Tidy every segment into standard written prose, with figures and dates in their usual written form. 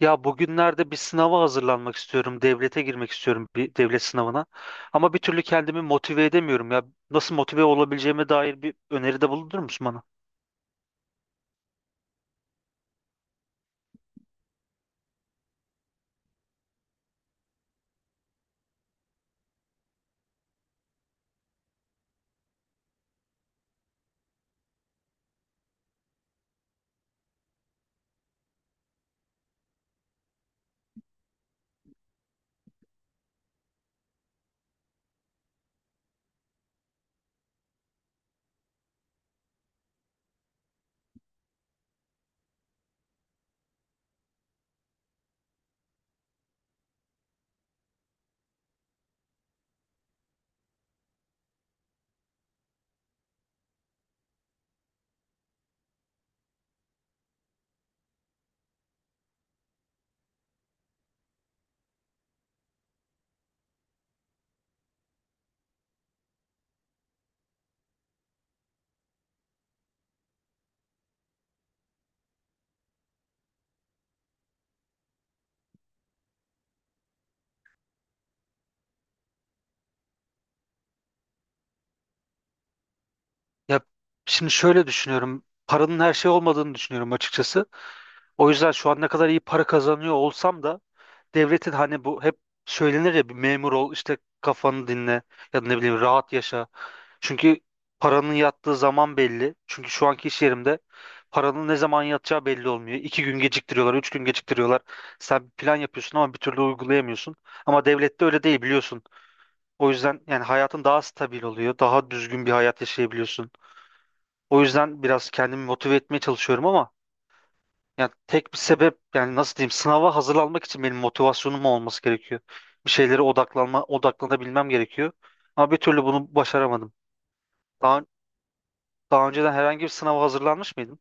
Ya bugünlerde bir sınava hazırlanmak istiyorum. Devlete girmek istiyorum bir devlet sınavına. Ama bir türlü kendimi motive edemiyorum ya. Nasıl motive olabileceğime dair bir öneride bulunur musun bana? Ya şimdi şöyle düşünüyorum. Paranın her şey olmadığını düşünüyorum açıkçası. O yüzden şu an ne kadar iyi para kazanıyor olsam da devletin hani bu hep söylenir ya, bir memur ol işte kafanı dinle ya da ne bileyim rahat yaşa. Çünkü paranın yattığı zaman belli. Çünkü şu anki iş yerimde paranın ne zaman yatacağı belli olmuyor. 2 gün geciktiriyorlar, 3 gün geciktiriyorlar. Sen bir plan yapıyorsun ama bir türlü uygulayamıyorsun. Ama devlette öyle değil, biliyorsun. O yüzden yani hayatın daha stabil oluyor. Daha düzgün bir hayat yaşayabiliyorsun. O yüzden biraz kendimi motive etmeye çalışıyorum ama yani tek bir sebep, yani nasıl diyeyim, sınava hazırlanmak için benim motivasyonum olması gerekiyor. Bir şeylere odaklanma, odaklanabilmem gerekiyor. Ama bir türlü bunu başaramadım. Daha Daha önceden herhangi bir sınava hazırlanmış mıydın?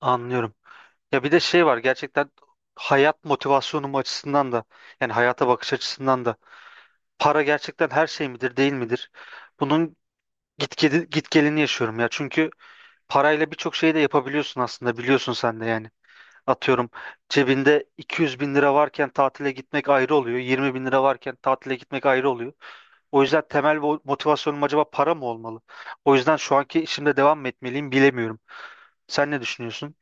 Anlıyorum. Ya bir de şey var, gerçekten hayat motivasyonum açısından da, yani hayata bakış açısından da, para gerçekten her şey midir değil midir? Bunun git gelini yaşıyorum ya. Çünkü parayla birçok şeyi de yapabiliyorsun aslında, biliyorsun sen de yani. Atıyorum, cebinde 200 bin lira varken tatile gitmek ayrı oluyor. 20 bin lira varken tatile gitmek ayrı oluyor. O yüzden temel motivasyonum acaba para mı olmalı? O yüzden şu anki işimde devam mı etmeliyim, bilemiyorum. Sen ne düşünüyorsun?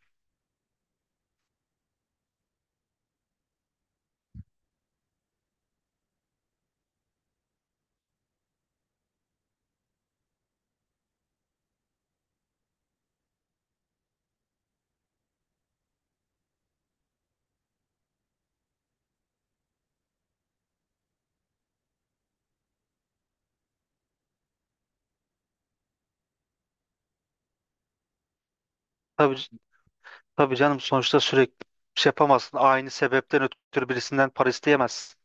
Tabii, tabii canım, sonuçta sürekli bir şey yapamazsın. Aynı sebepten ötürü birisinden para isteyemezsin.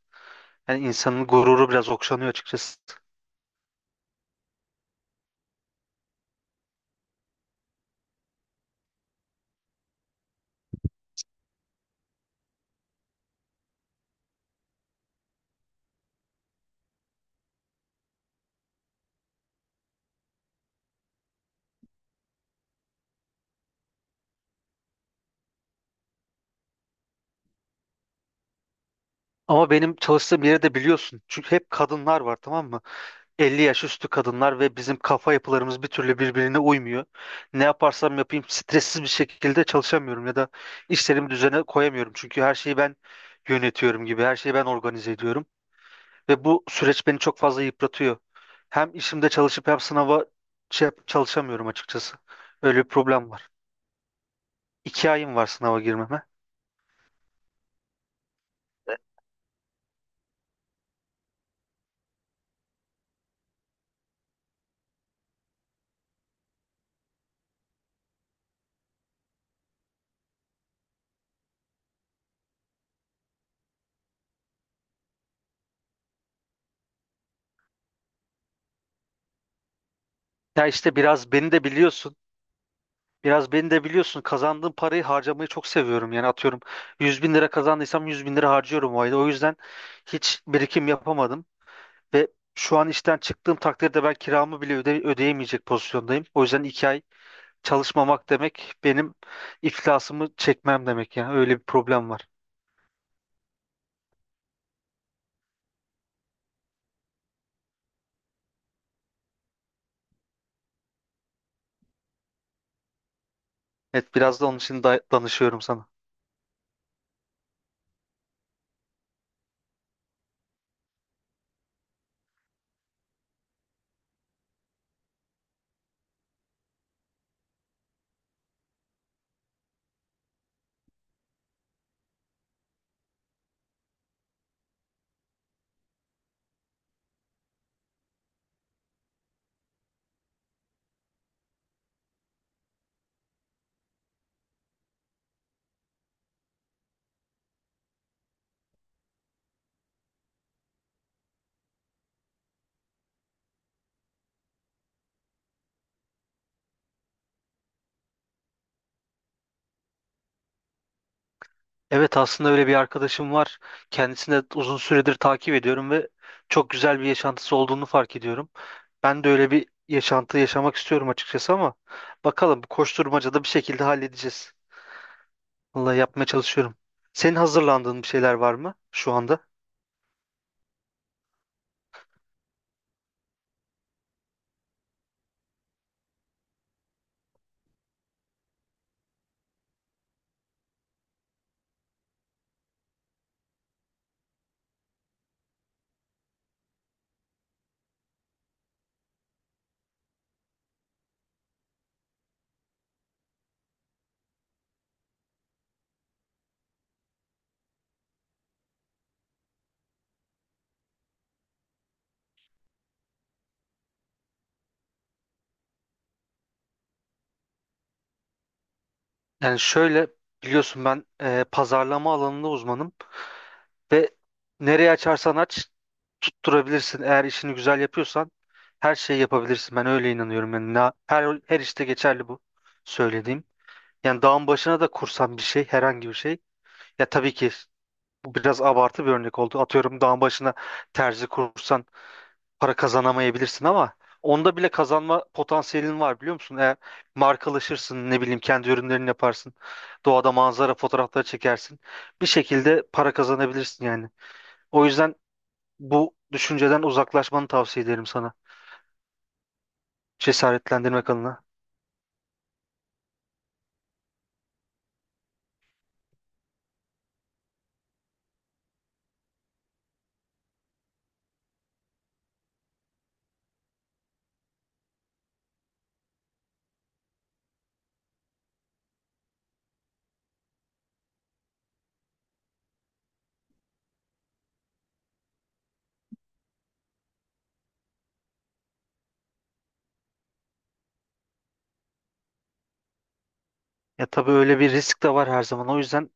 Yani insanın gururu biraz okşanıyor açıkçası. Ama benim çalıştığım yeri de biliyorsun. Çünkü hep kadınlar var, tamam mı? 50 yaş üstü kadınlar ve bizim kafa yapılarımız bir türlü birbirine uymuyor. Ne yaparsam yapayım stressiz bir şekilde çalışamıyorum ya da işlerimi düzene koyamıyorum. Çünkü her şeyi ben yönetiyorum gibi, her şeyi ben organize ediyorum. Ve bu süreç beni çok fazla yıpratıyor. Hem işimde çalışıp hem sınava çalışamıyorum açıkçası. Öyle bir problem var. 2 ayım var sınava girmeme. Ya işte biraz beni de biliyorsun. Biraz beni de biliyorsun. Kazandığım parayı harcamayı çok seviyorum. Yani atıyorum, 100 bin lira kazandıysam 100 bin lira harcıyorum o ayda. O yüzden hiç birikim yapamadım. Ve şu an işten çıktığım takdirde ben kiramı bile öde ödeyemeyecek pozisyondayım. O yüzden 2 ay çalışmamak demek benim iflasımı çekmem demek. Yani öyle bir problem var. Evet, biraz da onun için danışıyorum sana. Evet, aslında öyle bir arkadaşım var. Kendisini de uzun süredir takip ediyorum ve çok güzel bir yaşantısı olduğunu fark ediyorum. Ben de öyle bir yaşantı yaşamak istiyorum açıkçası ama bakalım, bu koşturmacada bir şekilde halledeceğiz. Vallahi yapmaya çalışıyorum. Senin hazırlandığın bir şeyler var mı şu anda? Yani şöyle, biliyorsun ben pazarlama alanında uzmanım. Ve nereye açarsan aç tutturabilirsin. Eğer işini güzel yapıyorsan her şeyi yapabilirsin. Ben öyle inanıyorum. Yani her işte geçerli bu söylediğim. Yani dağın başına da kursan bir şey, herhangi bir şey. Ya tabii ki bu biraz abartı bir örnek oldu. Atıyorum, dağın başına terzi kursan para kazanamayabilirsin ama onda bile kazanma potansiyelin var, biliyor musun? Eğer markalaşırsın, ne bileyim kendi ürünlerini yaparsın. Doğada manzara fotoğrafları çekersin. Bir şekilde para kazanabilirsin yani. O yüzden bu düşünceden uzaklaşmanı tavsiye ederim sana. Cesaretlendirmek adına. Ya tabii öyle bir risk de var her zaman. O yüzden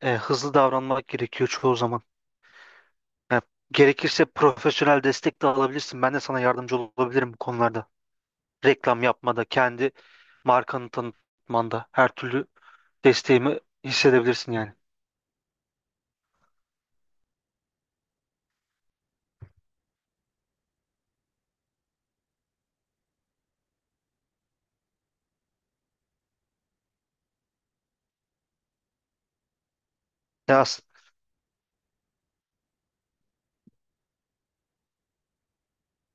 hızlı davranmak gerekiyor çoğu zaman. Ya, gerekirse profesyonel destek de alabilirsin. Ben de sana yardımcı olabilirim bu konularda. Reklam yapmada, kendi markanı tanıtmanda her türlü desteğimi hissedebilirsin yani. Ya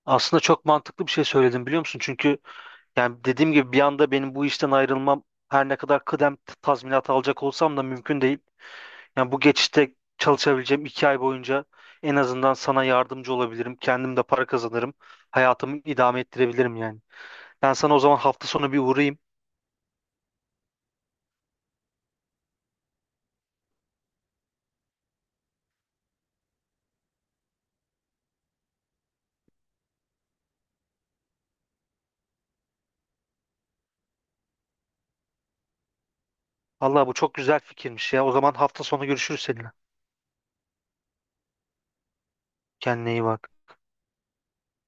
aslında çok mantıklı bir şey söyledim, biliyor musun? Çünkü yani dediğim gibi bir anda benim bu işten ayrılmam, her ne kadar kıdem tazminatı alacak olsam da, mümkün değil. Yani bu geçişte çalışabileceğim 2 ay boyunca en azından sana yardımcı olabilirim. Kendim de para kazanırım. Hayatımı idame ettirebilirim yani. Ben sana o zaman hafta sonu bir uğrayayım. Allah, bu çok güzel fikirmiş ya. O zaman hafta sonu görüşürüz seninle. Kendine iyi bak.